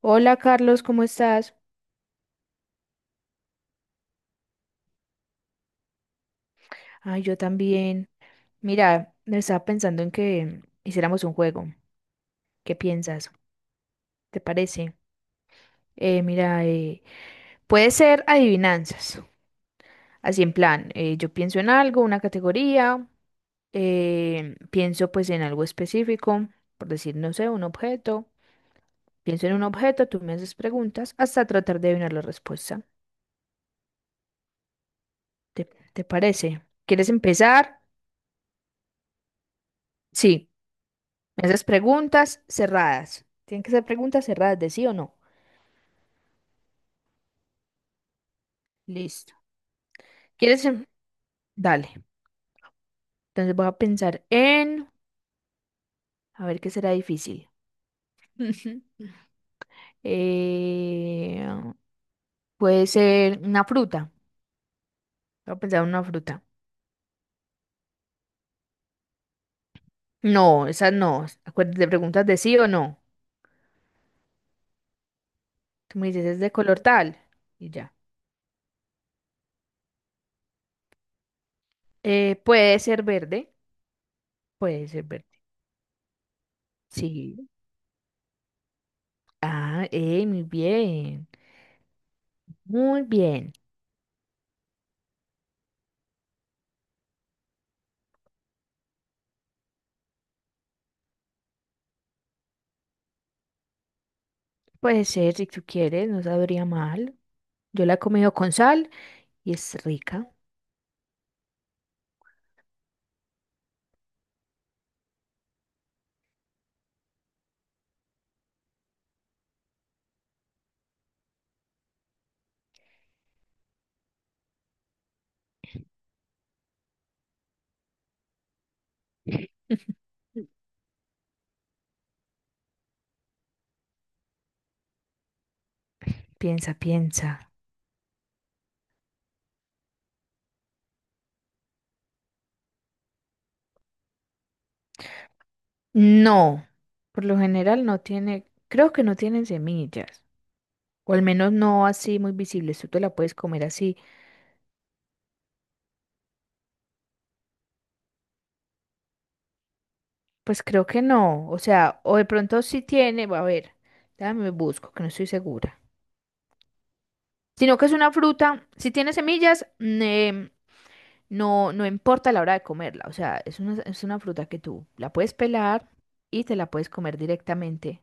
Hola Carlos, ¿cómo estás? Ah, yo también. Mira, estaba pensando en que hiciéramos un juego. ¿Qué piensas? ¿Te parece? Mira, puede ser adivinanzas. Así en plan, yo pienso en algo, una categoría, pienso pues en algo específico, por decir, no sé, un objeto. Pienso en un objeto, tú me haces preguntas hasta tratar de adivinar la respuesta. ¿Te, te parece? ¿Quieres empezar? Sí. Me haces preguntas cerradas. Tienen que ser preguntas cerradas de sí o no. Listo. ¿Quieres? Dale. Entonces voy a pensar en... A ver qué será difícil. Eh, Puede ser una fruta. Voy a pensar en una fruta. No, esa no. Acuérdate de preguntas de sí o no. Tú me dices, es de color tal. Y ya. Puede ser verde. Puede ser verde. Sí. Ah, muy bien. Muy bien. Puede ser, si tú quieres, no sabría mal. Yo la he comido con sal y es rica. Piensa, piensa. No, por lo general no tiene, creo que no tienen semillas, o al menos no así muy visibles, tú te la puedes comer así. Pues creo que no, o sea, o de pronto sí tiene, va a ver, déjame busco, que no estoy segura. Sino que es una fruta, si tiene semillas, no, no importa la hora de comerla, o sea, es una fruta que tú la puedes pelar y te la puedes comer directamente,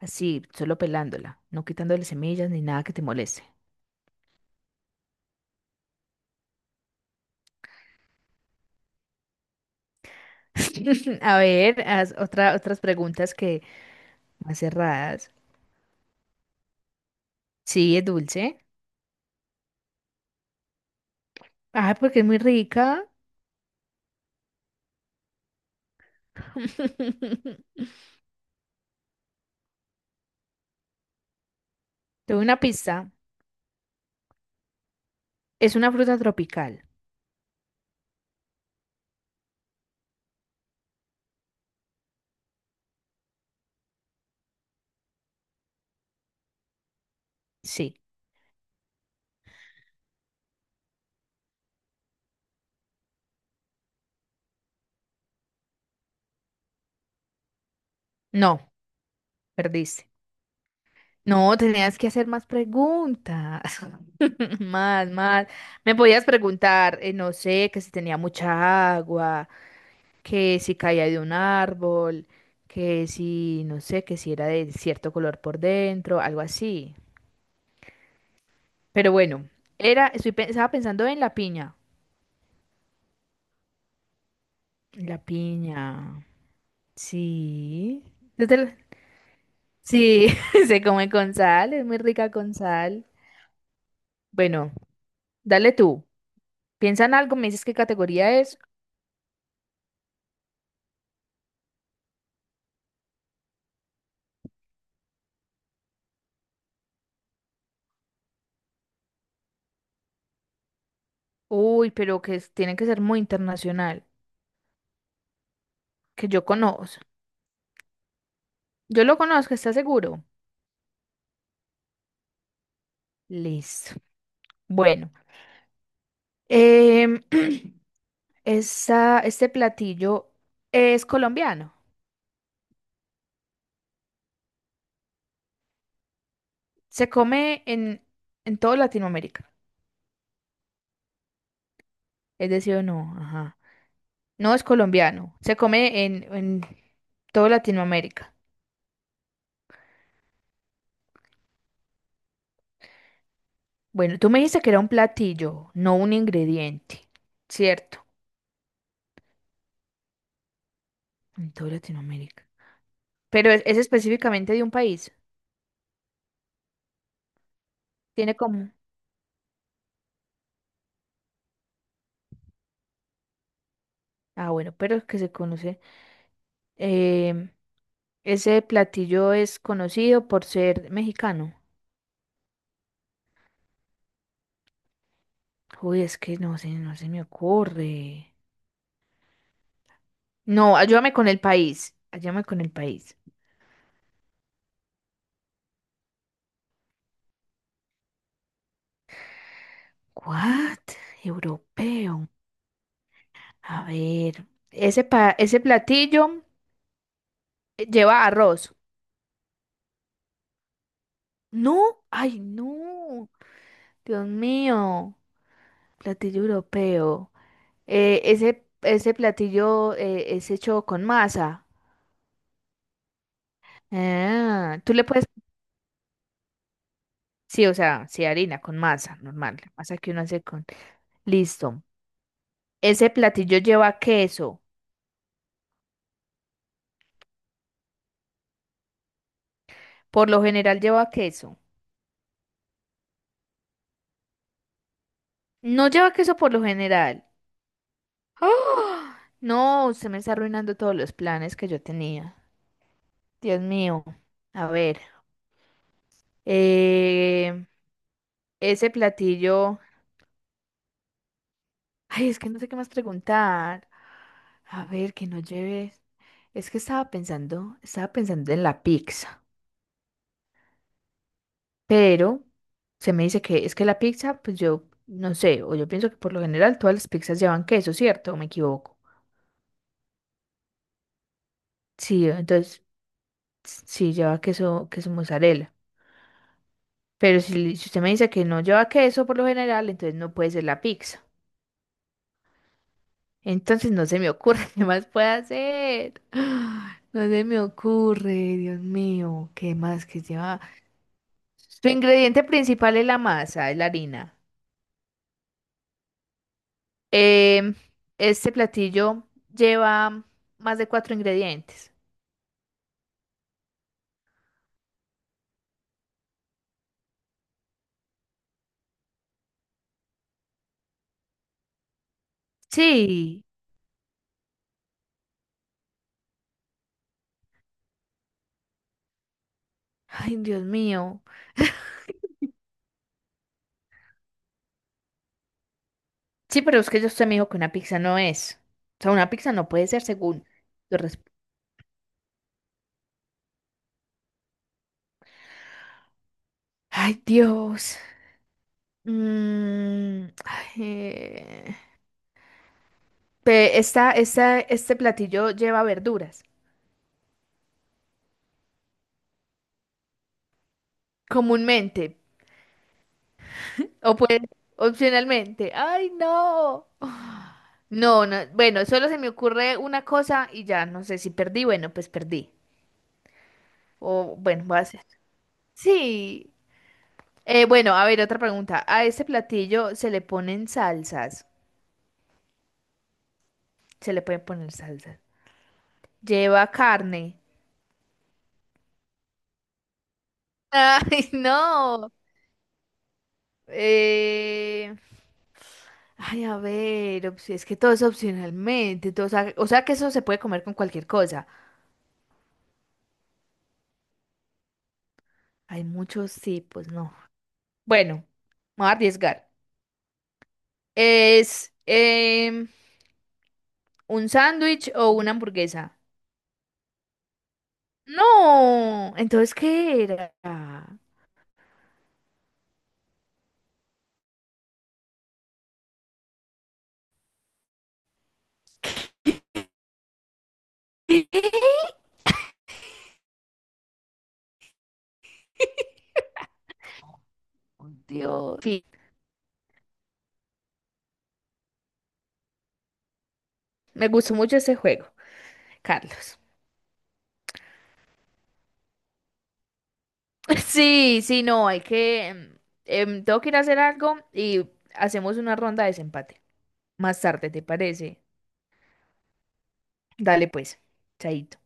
así, solo pelándola, no quitándole semillas ni nada que te moleste. A ver, haz otras preguntas que más cerradas. Sí, es dulce. Ah, porque es muy rica. Tuve una pista. Es una fruta tropical. Sí. No, perdiste. No, tenías que hacer más preguntas. Más, más. Me podías preguntar, no sé, que si tenía mucha agua, que si caía de un árbol, que si, no sé, que si era de cierto color por dentro, algo así. Pero bueno, estaba pensando en la piña. La piña. Sí. ¿No te la- Sí, se come con sal, es muy rica con sal. Bueno, dale tú. Piensa en algo, me dices qué categoría es. Uy, pero tiene que ser muy internacional que yo conozco. Yo lo conozco, ¿está seguro? Listo. Bueno, em, este platillo es colombiano. Se come en, toda Latinoamérica. Es decir, no, ajá. No es colombiano. Se come en toda Latinoamérica. Bueno, tú me dijiste que era un platillo, no un ingrediente. Cierto. En toda Latinoamérica. Pero es específicamente de un país. Tiene como. Ah, bueno, pero es que se conoce. Em, Ese platillo es conocido por ser mexicano. Uy, es que no sé, no se me ocurre. No, ayúdame con el país. Ayúdame con el país. What? Europeo. A ver, ese platillo lleva arroz. No, ay, no. Dios mío. Platillo europeo. Ese platillo es hecho con masa. Ah, tú le puedes. Sí, o sea, sí, harina con masa, normal, la masa que uno hace con... Listo. Ese platillo lleva queso. Por lo general lleva queso. No lleva queso por lo general. ¡Ah! No, usted me está arruinando todos los planes que yo tenía. Dios mío. A ver. eh, Ese platillo... Ay, es que no sé qué más preguntar. A ver, que no lleve... Es que estaba pensando en la pizza. Pero se me dice que es que la pizza, pues yo no sé, o yo pienso que por lo general todas las pizzas llevan queso, ¿cierto? ¿O me equivoco? Sí, entonces sí lleva queso, queso mozzarella. Pero si usted me dice que no lleva queso por lo general, entonces no puede ser la pizza. Entonces no se me ocurre qué más puede hacer. No se me ocurre, Dios mío, ¿qué más que lleva? Su ingrediente principal es la masa, es la harina. Em, este platillo lleva más de cuatro ingredientes. Sí. Ay, Dios mío. Sí, pero es que yo usted me dijo que una pizza no es. O sea, una pizza no puede ser según tu resp- Ay, Dios. Ay, este platillo lleva verduras. Comúnmente. O puede, opcionalmente. Ay, no. No, no. Bueno, solo se me ocurre una cosa y ya no sé si perdí. Bueno, pues perdí. O bueno, voy a hacer. Sí. Bueno, a ver, otra pregunta. A este platillo se le ponen salsas. Se le pueden poner salsas. Lleva carne. Ay, no. Eh... Ay, a ver, es que todo es opcionalmente. Todo, o sea, que eso se puede comer con cualquier cosa. Hay muchos tipos, no. Bueno, me voy a arriesgar. ¿Es un sándwich o una hamburguesa? No. Entonces, ¿qué era? Dios. Sí, me gustó mucho ese juego, Carlos. Sí, sí, no, hay que... tengo que ir a hacer algo y hacemos una ronda de desempate. Más tarde, ¿te parece? Dale pues, chaito.